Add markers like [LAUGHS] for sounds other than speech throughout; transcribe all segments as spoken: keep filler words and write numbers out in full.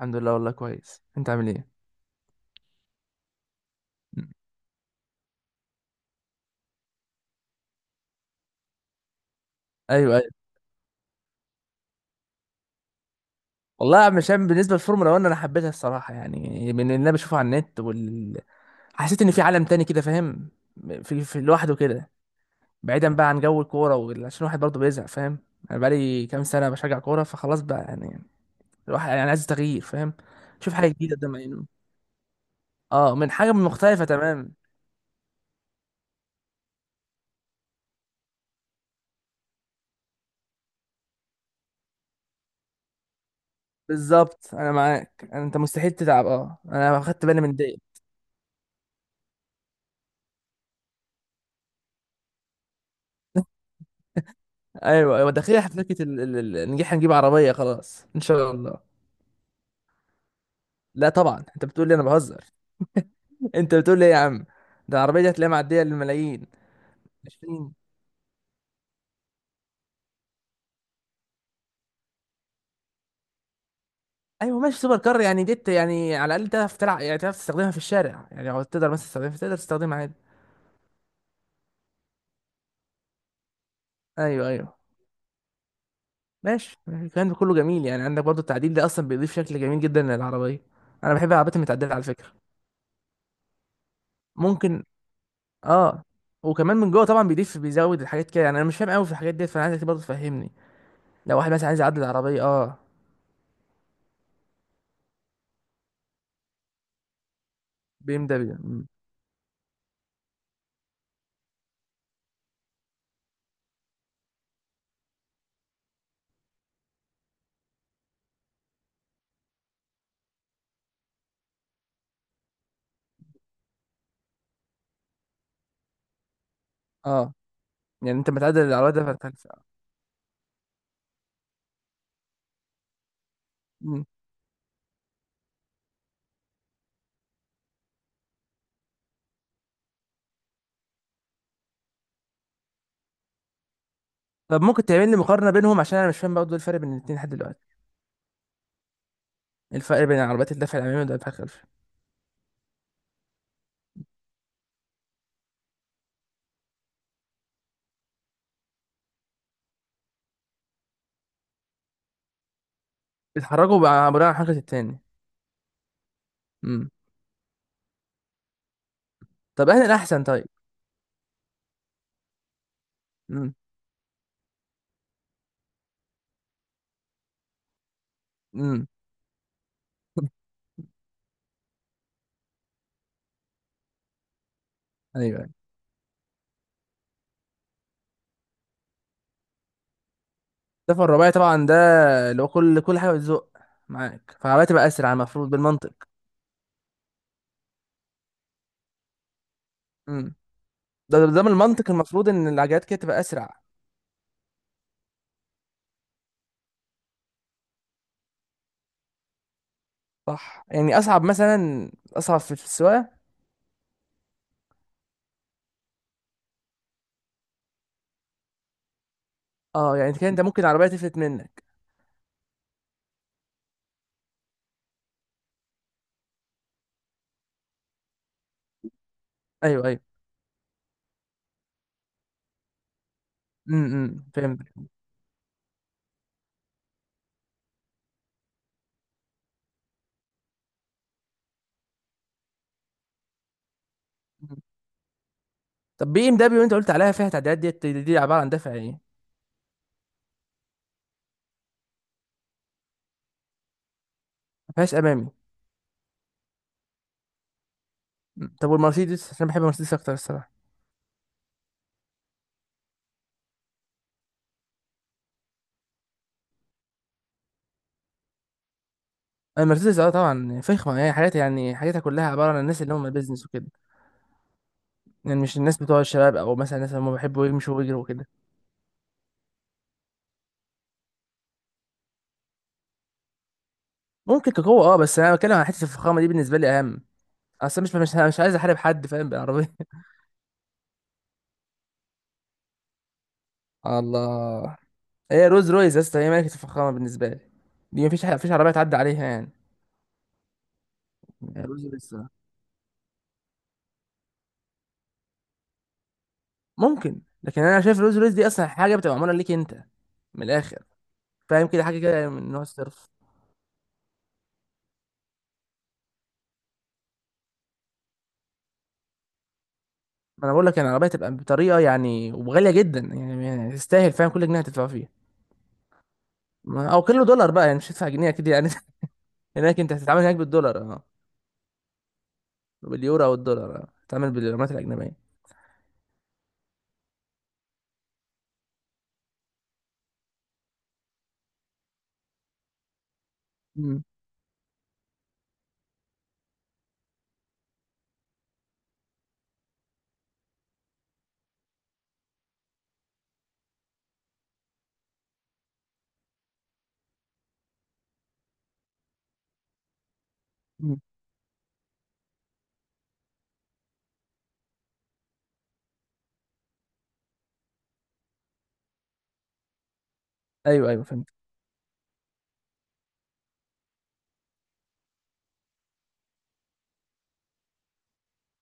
الحمد لله، والله كويس. انت عامل ايه؟ مم. ايوه، ايوه. والله مشان بالنسبه للفورمولا واحد انا حبيتها الصراحه، يعني من اللي انا بشوفه على النت وال... حسيت ان في عالم تاني كده، فاهم؟ في في لوحده كده. بعيدا بقى عن جو الكوره وال- عشان الواحد برضه بيزهق، فاهم؟ انا بقالي كام سنه بشجع كوره، فخلاص بقى يعني. الواحد يعني عايز تغيير، فاهم؟ شوف حاجه جديده قدام عينه. اه، من حاجه مختلفه. تمام. بالظبط، انا معاك. انت مستحيل تتعب. اه، انا خدت بالي من دي. ايوه، ايوه. داخلين حفلة ال... ال... ال- نجيح، نجيب عربيه خلاص ان شاء الله. لا طبعا، انت بتقول لي انا بهزر؟ انت بتقول لي ايه يا عم؟ ده العربيه دي هتلاقيها معديه للملايين. عشرين. ايوه ماشي، سوبر كار يعني ديت، يعني على الاقل تعرف تلعب، يعني تعرف تستخدمها في الشارع، يعني لو تقدر مثلا تستخدمها تقدر تستخدمها عادي. ايوه، ايوه. ماشي، الكلام ده كله جميل. يعني عندك برضو التعديل ده اصلا بيضيف شكل جميل جدا للعربيه. انا بحب العربيات المتعدله على فكره. ممكن. اه. وكمان من جوه طبعا بيضيف، بيزود الحاجات كده. يعني انا مش فاهم قوي في الحاجات ديت، فانا عايزك برضو تفهمني. لو واحد مثلا عايز يعدل العربيه، اه. بي ام دبليو. اه، يعني انت متعدل العربيه ده. مم. طب ممكن تعمل لي مقارنة بينهم؟ عشان انا مش فاهم برضه إيه الفرق بين الاتنين لحد دلوقتي. إيه الفرق بين العربيات الدفع الامامي والدفع الخلفي؟ بيتحركوا بقى بناء على حركة التاني. امم. طب اهنا الاحسن؟ طيب. امم. امم. [LAUGHS] ايوه. الدفع الرباعي طبعا ده، اللي هو كل كل حاجة بتزق معاك، فالعربية تبقى اسرع المفروض بالمنطق. امم. ده ده من المنطق المفروض ان العجلات كده تبقى اسرع. صح، يعني اصعب مثلا، اصعب في في السواقة. اه، يعني كده انت ممكن العربية تفلت منك. ايوه، ايوه. امم، فهمت. طب بي ام دبليو اللي انت قلت عليها فيها تعديلات ديت، دي, دي عباره عن دافع ايه؟ ما فيهاش امامي؟ م. طب والمرسيدس، عشان بحب المرسيدس اكتر الصراحه. المرسيدس اه، طبعا فخمه. يعني حاجات، يعني حاجاتها كلها عباره عن الناس اللي هم بيزنس وكده. يعني مش الناس بتوع الشباب، او مثلا الناس اللي هم بيحبوا يمشوا ويجروا وكده. ممكن كقوه، اه. بس انا بتكلم عن حته الفخامه، دي بالنسبه لي اهم. اصل مش مش مش عايز احارب حد، فاهم؟ بالعربيه. [LAUGHS] الله. هي روز رويز يا اسطى، هي ملكه الفخامه بالنسبه لي. دي مفيش ح- مفيش عربيه تعدي عليها يعني. روز رويز. ممكن، لكن انا شايف الرولز رويس دي اصلا حاجه بتبقى معموله ليك انت. من الاخر. فاهم، كده حاجه كده من نوع الصرف. ما انا بقول لك، يعني العربيه تبقى بطريقه يعني، وغاليه جدا، يعني يعني تستاهل، فاهم؟ كل جنيه هتدفع فيها. ما- او كيلو دولار بقى يعني، مش هتدفع جنيه اكيد يعني. [LAUGHS] هناك انت هتتعامل هناك بالدولار، اه. باليورو او الدولار، اه. هتتعامل بالعملات الاجنبيه. مم. مم. ايوه، ايوه، فهمت.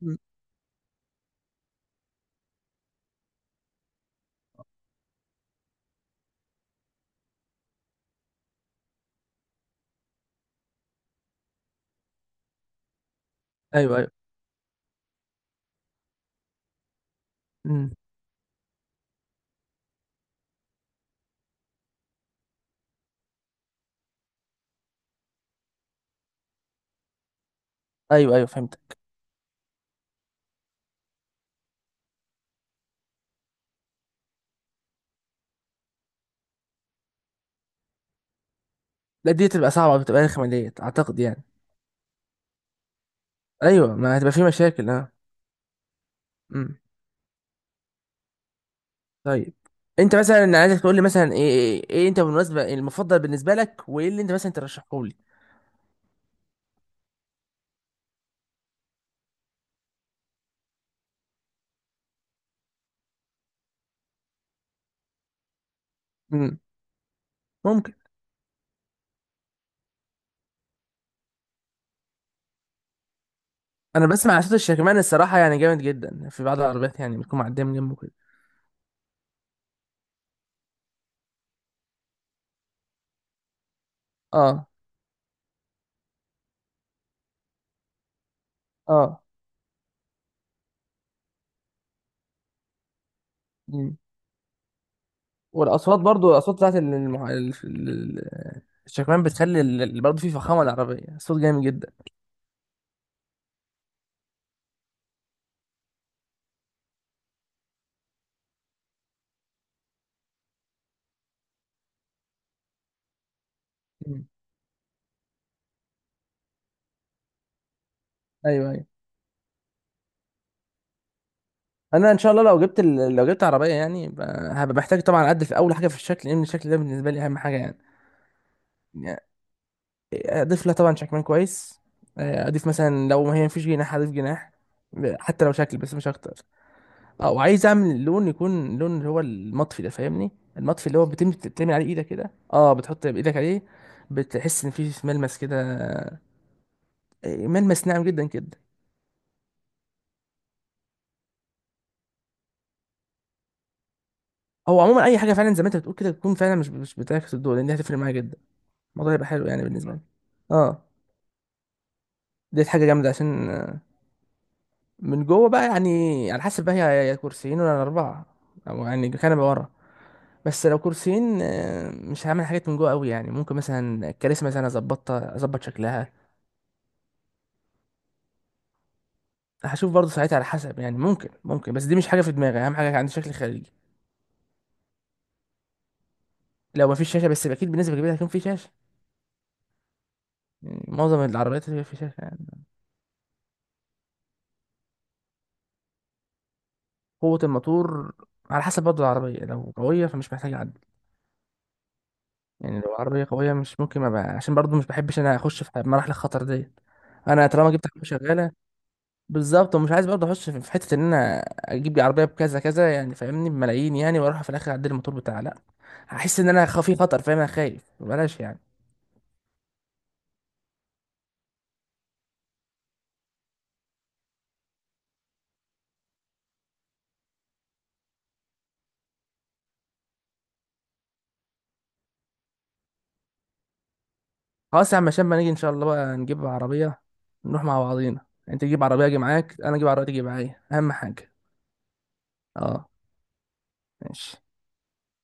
مم. ايوه، ايوه. مم. ايوه، ايوه، فهمت. لا، دي تبقى صعبه، بتبقى رخمه ديت اعتقد يعني. ايوه، ما هتبقى في مشاكل. اه. طيب. انت مثلا، عايزك تقول لي مثلا ايه ايه, إيه انت بالمناسبه المفضل بالنسبه لك وايه اللي انت مثلا ترشحه لي؟ امم. ممكن. انا بسمع صوت الشكمان الصراحه يعني جامد جدا في بعض العربيات، يعني بتكون معديه من جنبه كده. اه. اه. مم. والاصوات برضو، الاصوات بتاعت ال- المح... ال- ال- الشكمان بتخلي ال... برضو في فخامه العربيه صوت جامد جدا. مم. ايوه، ايوه. انا ان شاء الله لو جبت ال... لو جبت عربيه يعني، ب- هبقى محتاج طبعا اعدل في اول حاجه في الشكل، لان الشكل ده بالنسبه لي اهم حاجه يعني. اضيف لها طبعا شكمان كويس. آه، اضيف مثلا لو ما هي مفيش جناح اضيف جناح، حتى لو شكل بس مش اكتر. اه، وعايز اعمل اللون يكون لون اللي هو المطفي ده، فاهمني؟ المطفي اللي هو بتم بتعمل عليه ايدك كده، اه، بتحط بايدك عليه، بتحس ان في ملمس كده. آه، ملمس ناعم جدا كده. هو عموما اي حاجه فعلا زي ما انت بتقول كده تكون فعلا مش مش بتعكس الضوء، لان دي هتفرق معايا جدا. الموضوع هيبقى حلو يعني بالنسبه لي. اه. دي حاجه جامده عشان، آه، من جوه بقى يعني على حسب بقى، هي يا كرسيين ولا اربعه، او يعني كنبه ورا. بس لو كرسيين، آه، مش هعمل حاجات من جوه قوي، يعني ممكن مثلا الكراسي مثلا اظبطها، اظبط شكلها. هشوف برضه ساعتها على حسب يعني. ممكن ممكن، بس دي مش حاجه في دماغي. اهم حاجه عندي شكل خارجي. لو مفيش شاشه بس اكيد بالنسبه كبيره هيكون في شاشه، يعني معظم العربيات هيبقى في شاشه يعني. قوه الموتور. على حسب برضه العربيه، لو قويه فمش محتاج اعدل. يعني لو العربيه قويه مش ممكن ابقى، عشان برضه مش بحبش انا اخش في مراحل الخطر دي. انا طالما جبت حاجه شغاله. بالظبط، ومش عايز برضه اخش في في حته ان انا اجيب لي عربيه بكذا كذا يعني فاهمني، بملايين يعني، واروح في الاخر اعدل الموتور بتاع. لا، هحس ان انا خ- في خطر، فاهم؟ انا خايف بلاش يعني. خلاص يا عم هشام، ما نيجي ان شاء الله بقى نجيب عربيه. نروح مع بعضينا، انت تجيب عربيه اجي معاك، انا اجيب عربيه تيجي معايا، اهم حاجه. اه. ماشي.